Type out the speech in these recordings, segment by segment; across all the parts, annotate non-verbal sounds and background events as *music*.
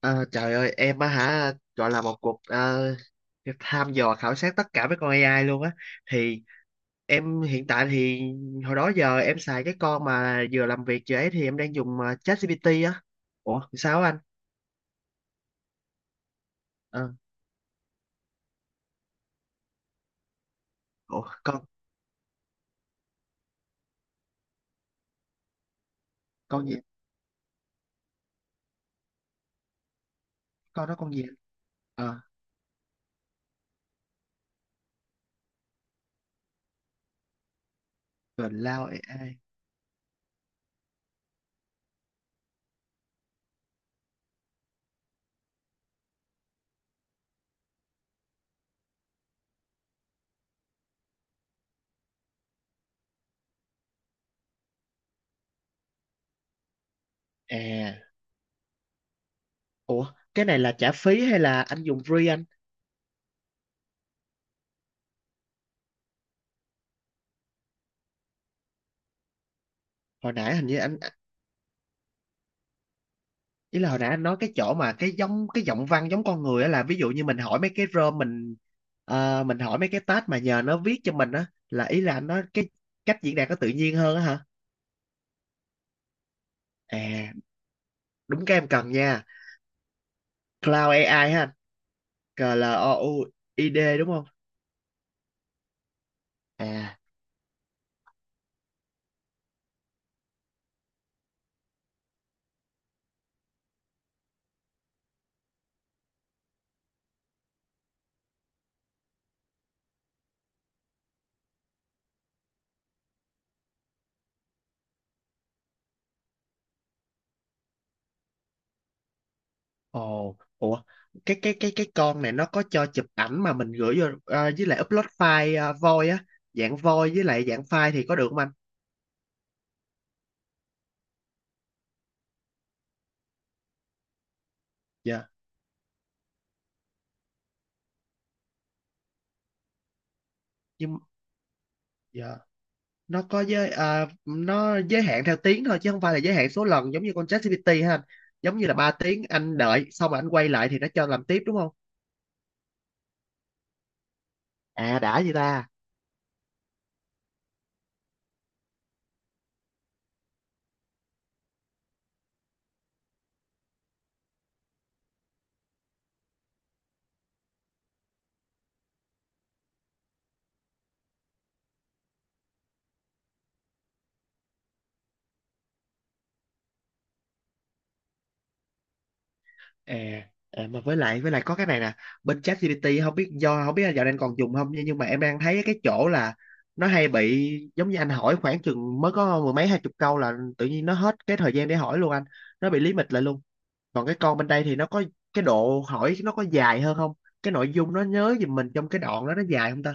Ờ, Trời ơi, em á hả, gọi là một cuộc tham dò khảo sát tất cả mấy con AI luôn á. Thì em hiện tại thì hồi đó giờ em xài cái con mà vừa làm việc vừa ấy, thì em đang dùng ChatGPT á. Ủa sao á anh? Ờ, ủa con gì? Con đó con gì? ờ Lao AI à? Ủa cái này là trả phí hay là anh dùng free anh? Hồi nãy hình như anh, ý là hồi nãy anh nói cái chỗ mà cái giống cái giọng văn giống con người á, là ví dụ như mình hỏi mấy cái rơm mình, mình hỏi mấy cái tag mà nhờ nó viết cho mình á, là ý là anh nói cái cách diễn đạt nó tự nhiên hơn á hả? À, đúng cái em cần nha. Cloud AI ha? CLOUID đúng không? À. Ồ, ủa, cái con này nó có cho chụp ảnh mà mình gửi vô, với lại upload file voi á, dạng voi với lại dạng file thì có được không anh? Dạ. Nhưng, dạ, nó nó giới hạn theo tiếng thôi chứ không phải là giới hạn số lần giống như con ChatGPT ha anh? Giống như là 3 tiếng anh đợi xong rồi anh quay lại thì nó cho làm tiếp đúng không? À đã gì ta. À, à, mà với lại có cái này nè. Bên ChatGPT không biết là dạo này anh còn dùng không, nhưng mà em đang thấy cái chỗ là nó hay bị giống như anh hỏi khoảng chừng mới có mười mấy hai chục câu là tự nhiên nó hết cái thời gian để hỏi luôn anh, nó bị lý mịch lại luôn. Còn cái con bên đây thì nó có cái độ hỏi nó có dài hơn không? Cái nội dung nó nhớ giùm mình trong cái đoạn đó nó dài không ta?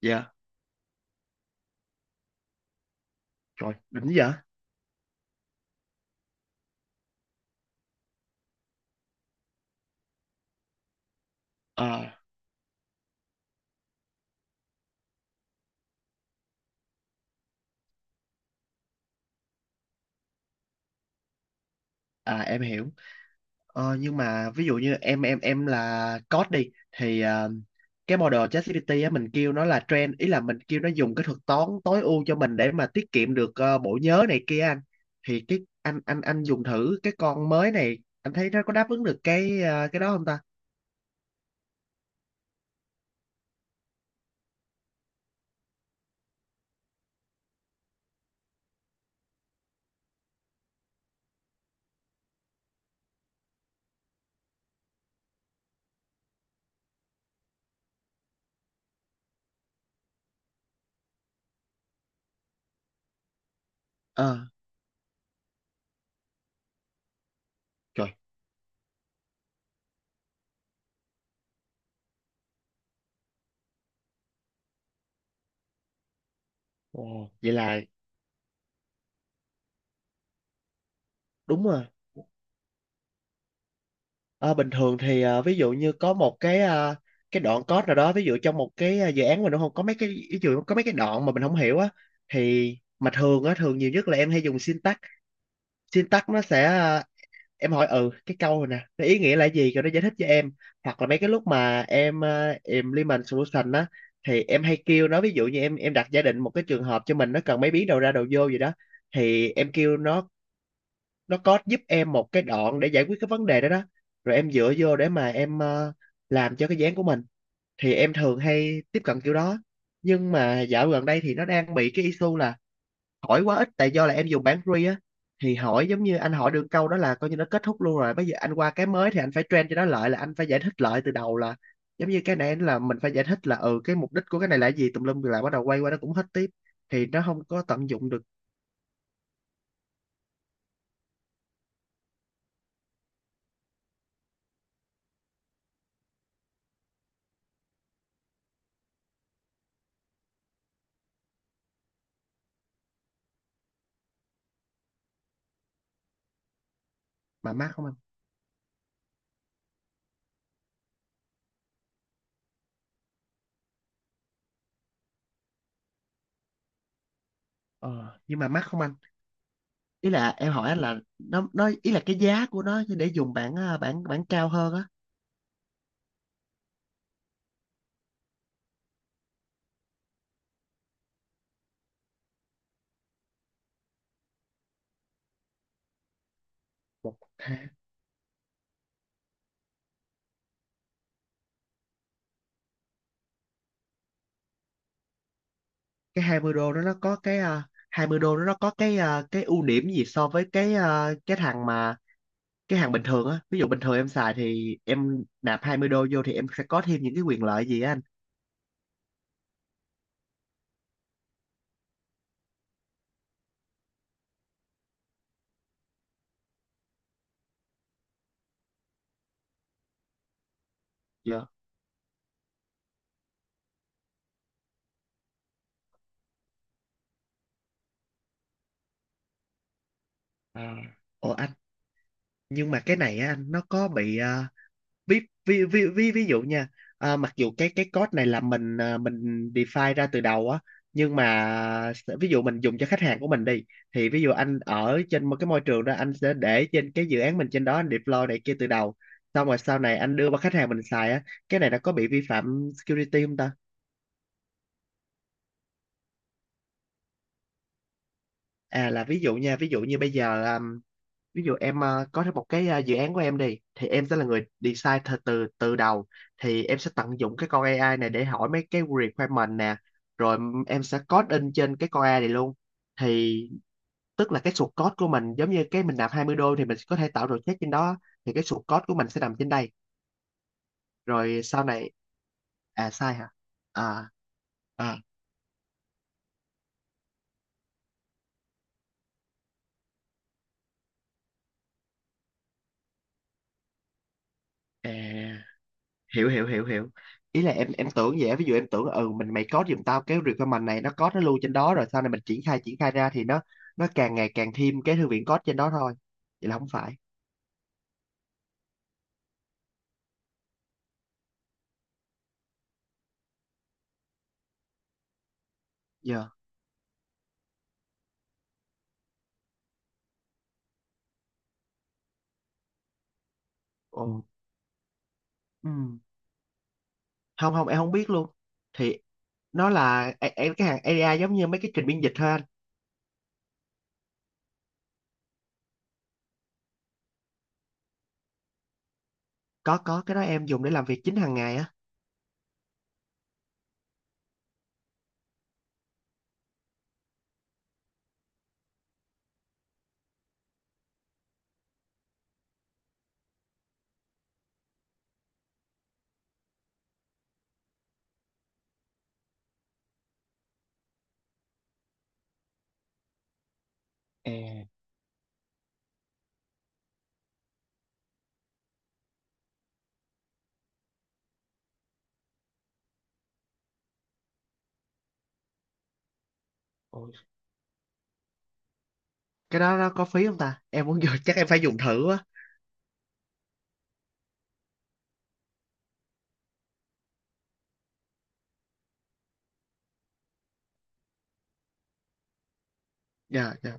Dạ, trời đỉnh vậy. Ờ. À em hiểu. Ờ, nhưng mà ví dụ như em là code đi thì, cái model ChatGPT á mình kêu nó là trend, ý là mình kêu nó dùng cái thuật toán tối ưu cho mình để mà tiết kiệm được bộ nhớ này kia anh. Thì cái anh dùng thử cái con mới này anh thấy nó có đáp ứng được cái đó không ta? Ờ, trời, ồ vậy là đúng rồi. Ờ, bình thường thì, ví dụ như có một cái đoạn code nào đó, ví dụ trong một dự án mình nó không có mấy cái ví dụ, có mấy cái đoạn mà mình không hiểu á. Thì mà thường á, thường nhiều nhất là em hay dùng syntax syntax nó sẽ, em hỏi ừ cái câu này nè nó ý nghĩa là gì rồi nó giải thích cho em. Hoặc là mấy cái lúc mà em implement solution á, thì em hay kêu nó, ví dụ như em đặt giả định một cái trường hợp cho mình, nó cần mấy biến đầu ra đầu vô gì đó, thì em kêu nó có giúp em một cái đoạn để giải quyết cái vấn đề đó đó. Rồi em dựa vô để mà em, làm cho cái dự án của mình. Thì em thường hay tiếp cận kiểu đó. Nhưng mà dạo gần đây thì nó đang bị cái issue là hỏi quá ít, tại do là em dùng bản free á. Thì hỏi giống như anh hỏi được câu đó là coi như nó kết thúc luôn, rồi bây giờ anh qua cái mới thì anh phải train cho nó lại, là anh phải giải thích lại từ đầu, là giống như cái này là mình phải giải thích là ừ cái mục đích của cái này là cái gì tùm lum, rồi lại bắt đầu quay qua nó cũng hết tiếp, thì nó không có tận dụng được. Mà mắc không anh? Ờ nhưng mà mắc không anh? Ý là em hỏi anh là nó ý là cái giá của nó để dùng bản ờ, bản bản cao hơn á. một ha- cái 20 đô đó nó có 20 đô đó nó có cái ưu điểm gì so với cái thằng mà cái hàng bình thường á, ví dụ bình thường em xài thì em nạp 20 đô vô thì em sẽ có thêm những cái quyền lợi gì á anh? Dạ. Ờ. Ủa anh, nhưng mà cái này á anh nó có bị, ví ví ví ví ví dụ nha, à, mặc dù cái code này là mình define ra từ đầu á, nhưng mà ví dụ mình dùng cho khách hàng của mình đi, thì ví dụ anh ở trên một cái môi trường đó anh sẽ để trên cái dự án mình trên đó anh deploy này kia từ đầu, xong rồi sau này anh đưa qua khách hàng mình xài á, cái này nó có bị vi phạm security không ta? À là ví dụ nha, ví dụ như bây giờ à, ví dụ em có thêm một dự án của em đi thì em sẽ là người design từ từ từ đầu, thì em sẽ tận dụng cái con AI này để hỏi mấy cái requirement nè, rồi em sẽ code in trên cái con AI này luôn. Thì tức là cái source code của mình, giống như cái mình nạp 20 đô thì mình có thể tạo project trên đó, thì cái source code của mình sẽ nằm trên đây, rồi sau này, à sai hả? À. À, à, hiểu hiểu hiểu hiểu. Ý là em tưởng vậy á, ví dụ em tưởng là, ừ mình mày code giùm tao cái requirement này, nó code nó lưu trên đó rồi sau này mình triển khai ra thì nó càng ngày càng thêm cái thư viện code trên đó thôi. Vậy là không phải. Giờ, ồ, ừ. Không, không, em không biết luôn. Thì nó là cái hàng AI giống như mấy cái trình biên dịch thôi anh. Có, cái đó em dùng để làm việc chính hàng ngày á. À, ôi. Cái đó nó có phí không ta, em muốn vô *laughs* chắc em phải dùng thử á. Dạ, dạ.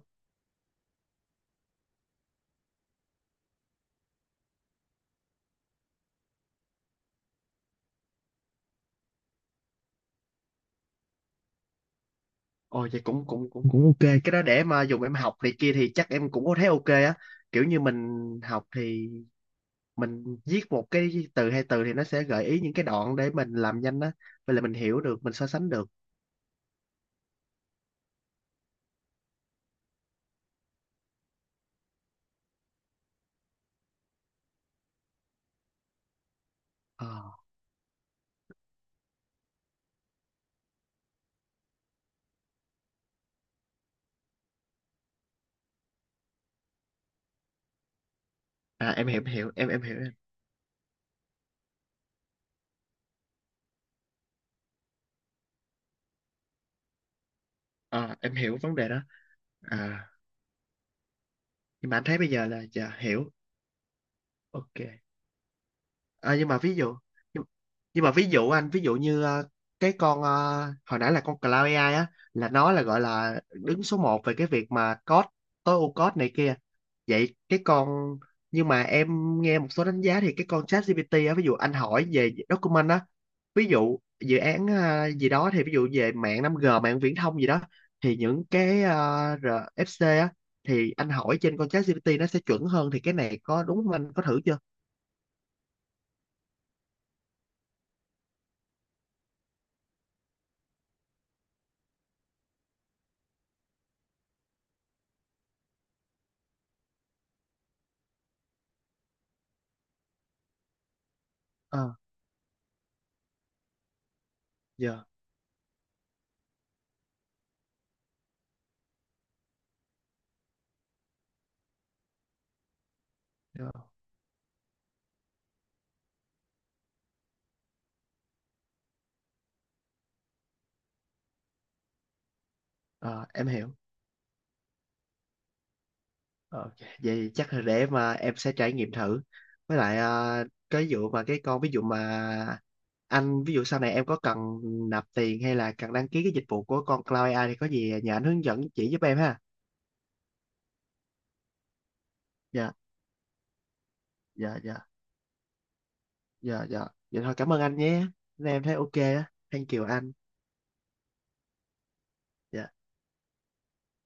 Ồ vậy cũng cũng cũng cũng ok, cái đó để mà dùng em học này kia thì chắc em cũng có thấy ok á. Kiểu như mình học thì mình viết một cái từ hay từ thì nó sẽ gợi ý những cái đoạn để mình làm nhanh á, vậy là mình hiểu được, mình so sánh được. Ờ. À em hiểu em hiểu em hiểu em. À, em hiểu vấn đề đó. À. Nhưng mà anh thấy bây giờ là dạ hiểu. Ok. Ờ, nhưng mà ví dụ, nhưng, nhưng mà ví dụ anh, ví dụ như, cái con, hồi nãy là con Cloud AI á, là nó là gọi là đứng số một về cái việc mà code tối ưu code này kia. Vậy cái con, nhưng mà em nghe một số đánh giá thì cái con ChatGPT á, ví dụ anh hỏi về document á, ví dụ dự án gì đó, thì ví dụ về mạng 5G mạng viễn thông gì đó, thì những cái RFC á, thì anh hỏi trên con ChatGPT nó sẽ chuẩn hơn, thì cái này có đúng không, anh có thử chưa? Ờ, dạ, dạ. Ờ, em hiểu. Ờ, ok. Vậy chắc là để mà em sẽ trải nghiệm thử. Với lại, cái vụ mà cái con ví dụ mà anh, ví dụ sau này em có cần nạp tiền hay là cần đăng ký cái dịch vụ của con Cloud AI thì có gì nhờ anh hướng dẫn chỉ giúp em ha. Dạ, dạ, dạ, dạ, dạ. Vậy thôi cảm ơn anh nhé. Nên em thấy ok á. Thank you anh. Dạ.